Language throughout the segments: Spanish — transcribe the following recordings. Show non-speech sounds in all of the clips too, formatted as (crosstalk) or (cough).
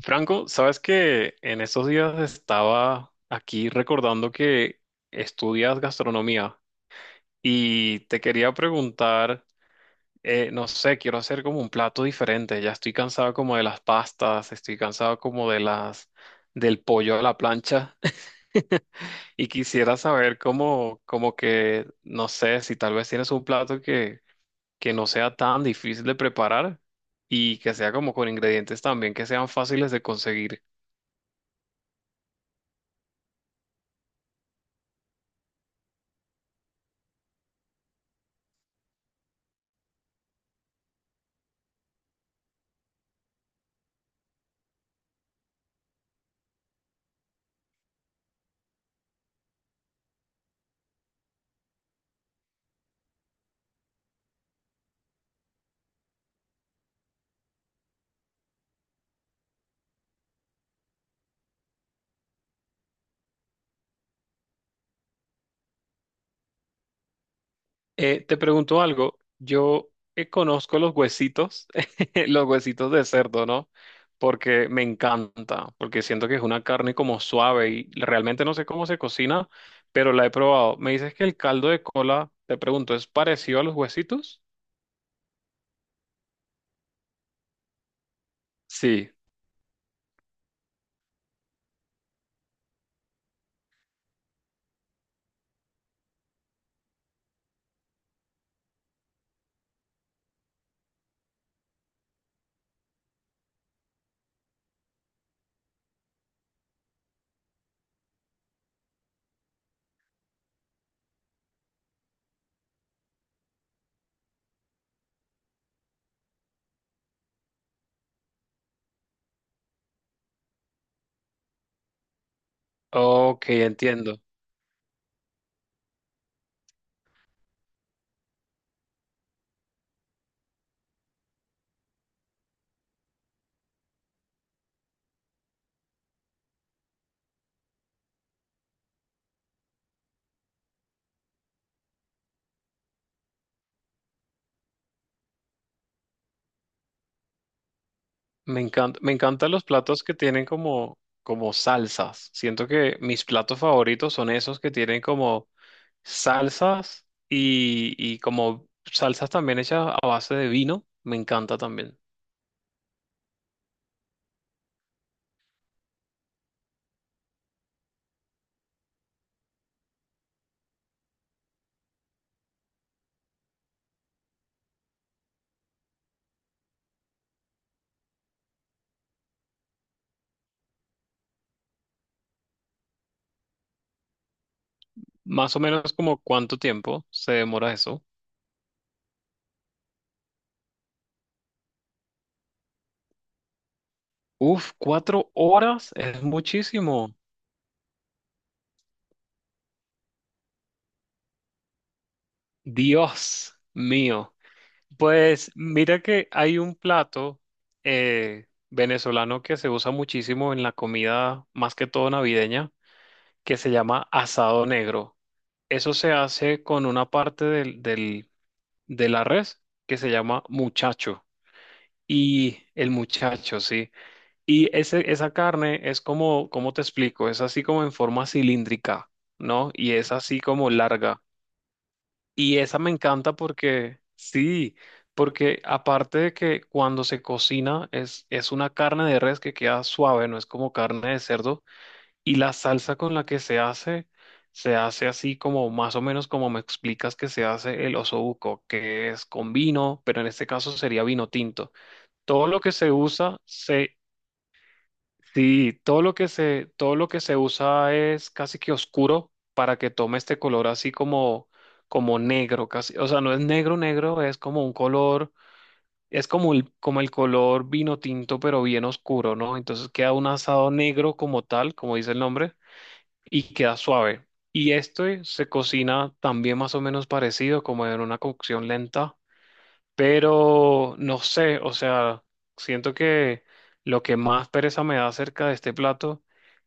Franco, sabes que en estos días estaba aquí recordando que estudias gastronomía y te quería preguntar, no sé, quiero hacer como un plato diferente. Ya estoy cansado como de las pastas, estoy cansado como de las del pollo a la plancha (laughs) y quisiera saber cómo, como que, no sé, si tal vez tienes un plato que no sea tan difícil de preparar y que sea como con ingredientes también que sean fáciles de conseguir. Te pregunto algo. Yo conozco los huesitos, (laughs) los huesitos de cerdo, ¿no? Porque me encanta, porque siento que es una carne como suave y realmente no sé cómo se cocina, pero la he probado. Me dices que el caldo de cola, te pregunto, ¿es parecido a los huesitos? Sí. Ok, entiendo. Me encanta, me encantan los platos que tienen como salsas. Siento que mis platos favoritos son esos que tienen como salsas y como salsas también hechas a base de vino, me encanta también. Más o menos como cuánto tiempo se demora eso. Uf, 4 horas es muchísimo. Dios mío. Pues mira que hay un plato venezolano que se usa muchísimo en la comida, más que todo navideña, que se llama asado negro. Eso se hace con una parte de la res que se llama muchacho. Y el muchacho, sí. Y esa carne es como, ¿cómo te explico? Es así como en forma cilíndrica, ¿no? Y es así como larga. Y esa me encanta porque, sí, porque aparte de que cuando se cocina es una carne de res que queda suave, no es como carne de cerdo. Y la salsa con la que se hace así como más o menos como me explicas que se hace el osobuco, que es con vino, pero en este caso sería vino tinto todo lo que se usa, sí, todo lo que se usa es casi que oscuro para que tome este color así como negro, casi. O sea, no es negro negro, es como un color, es como el color vino tinto, pero bien oscuro, ¿no? Entonces queda un asado negro como tal, como dice el nombre, y queda suave. Y esto se cocina también más o menos parecido, como en una cocción lenta, pero no sé, o sea, siento que lo que más pereza me da acerca de este plato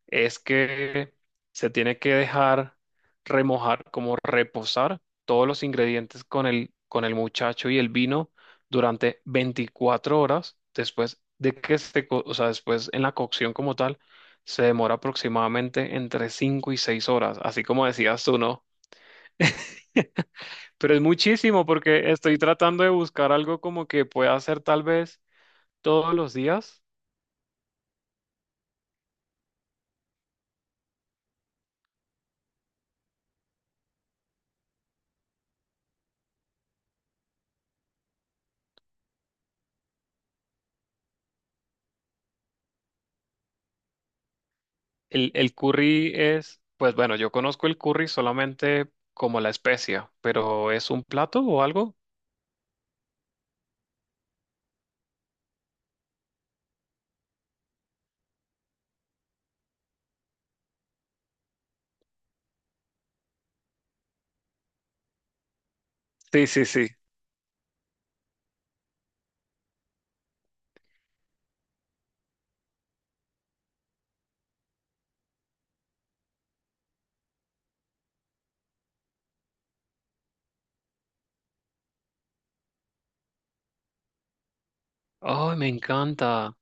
es que se tiene que dejar remojar, como reposar todos los ingredientes con el muchacho y el vino durante 24 horas después de que o sea, después en la cocción como tal, se demora aproximadamente entre 5 y 6 horas, así como decías tú, ¿no? Pero es muchísimo porque estoy tratando de buscar algo como que pueda hacer tal vez todos los días. El curry es, pues bueno, yo conozco el curry solamente como la especia, pero ¿es un plato o algo? Sí, sí, sí. Oh, me encanta.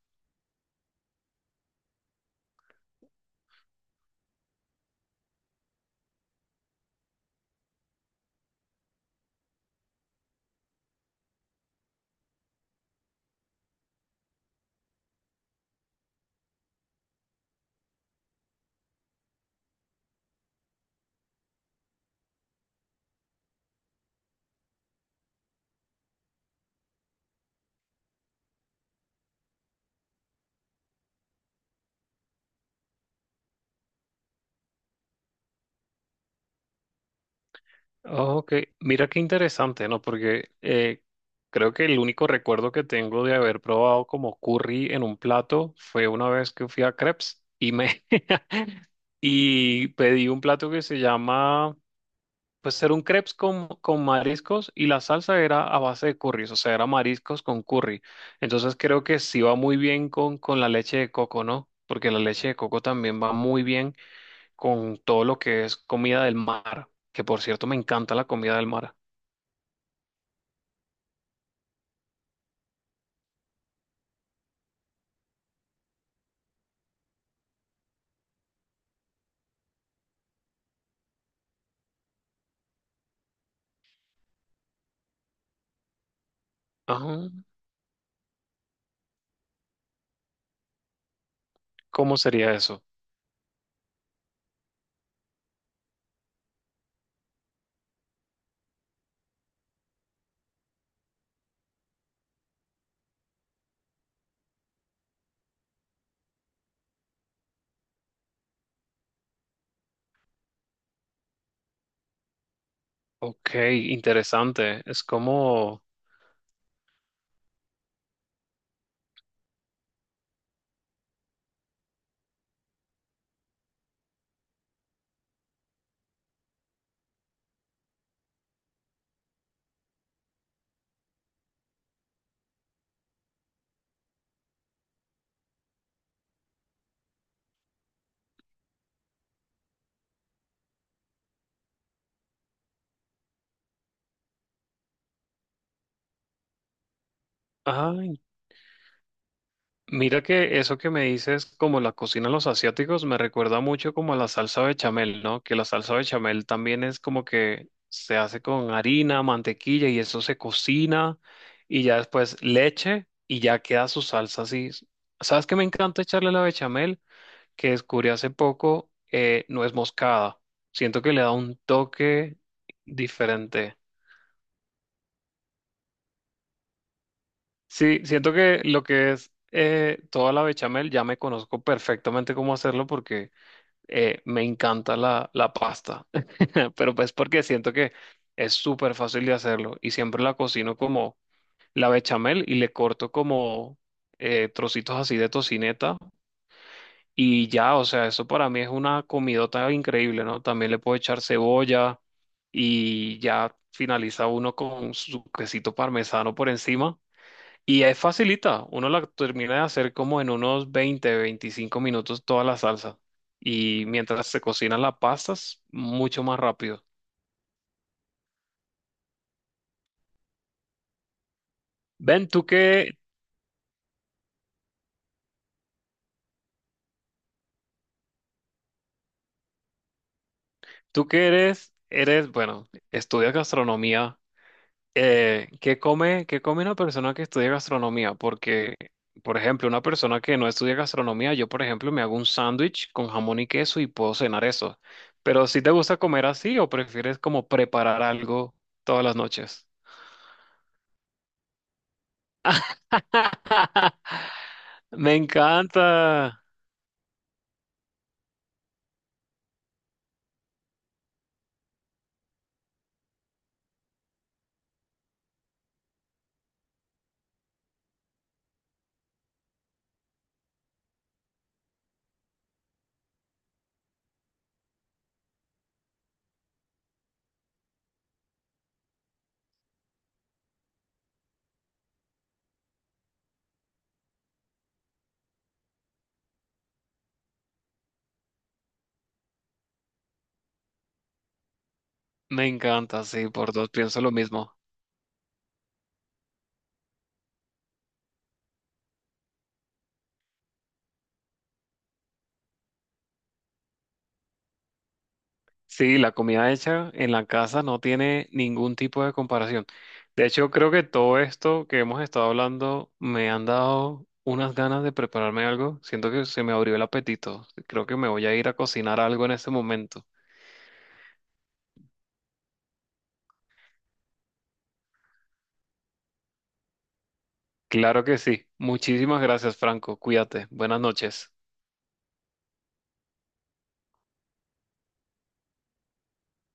Oh, ok, mira qué interesante, ¿no? Porque creo que el único recuerdo que tengo de haber probado como curry en un plato fue una vez que fui a Crepes y me (laughs) y pedí un plato que se llama. Pues era un crepes con mariscos y la salsa era a base de curry, o sea, era mariscos con curry. Entonces creo que sí va muy bien con la leche de coco, ¿no? Porque la leche de coco también va muy bien con todo lo que es comida del mar, que por cierto me encanta la comida del mar. Ajá, ¿cómo sería eso? Ok, interesante. Ah, mira que eso que me dices, como la cocina de los asiáticos, me recuerda mucho como a la salsa bechamel, ¿no? Que la salsa bechamel también es como que se hace con harina, mantequilla, y eso se cocina y ya después leche y ya queda su salsa así. ¿Sabes qué me encanta echarle a la bechamel? Que descubrí hace poco, nuez moscada. Siento que le da un toque diferente. Sí, siento que lo que es toda la bechamel ya me conozco perfectamente cómo hacerlo porque me encanta la pasta, (laughs) pero pues porque siento que es súper fácil de hacerlo y siempre la cocino como la bechamel y le corto como trocitos así de tocineta y ya, o sea, eso para mí es una comidota increíble, ¿no? También le puedo echar cebolla y ya finaliza uno con su quesito parmesano por encima. Y es facilita, uno la termina de hacer como en unos 20-25 minutos toda la salsa. Y mientras se cocinan las pastas, mucho más rápido. Ben, tú que eres, bueno, estudias gastronomía. Qué come una persona que estudia gastronomía? Porque, por ejemplo, una persona que no estudia gastronomía, yo, por ejemplo, me hago un sándwich con jamón y queso y puedo cenar eso. ¿Pero si te gusta comer así o prefieres como preparar algo todas las noches? (laughs) Me encanta, me encanta, sí, por dos pienso lo mismo. Sí, la comida hecha en la casa no tiene ningún tipo de comparación. De hecho, creo que todo esto que hemos estado hablando me han dado unas ganas de prepararme algo. Siento que se me abrió el apetito. Creo que me voy a ir a cocinar algo en este momento. Claro que sí. Muchísimas gracias, Franco. Cuídate. Buenas noches.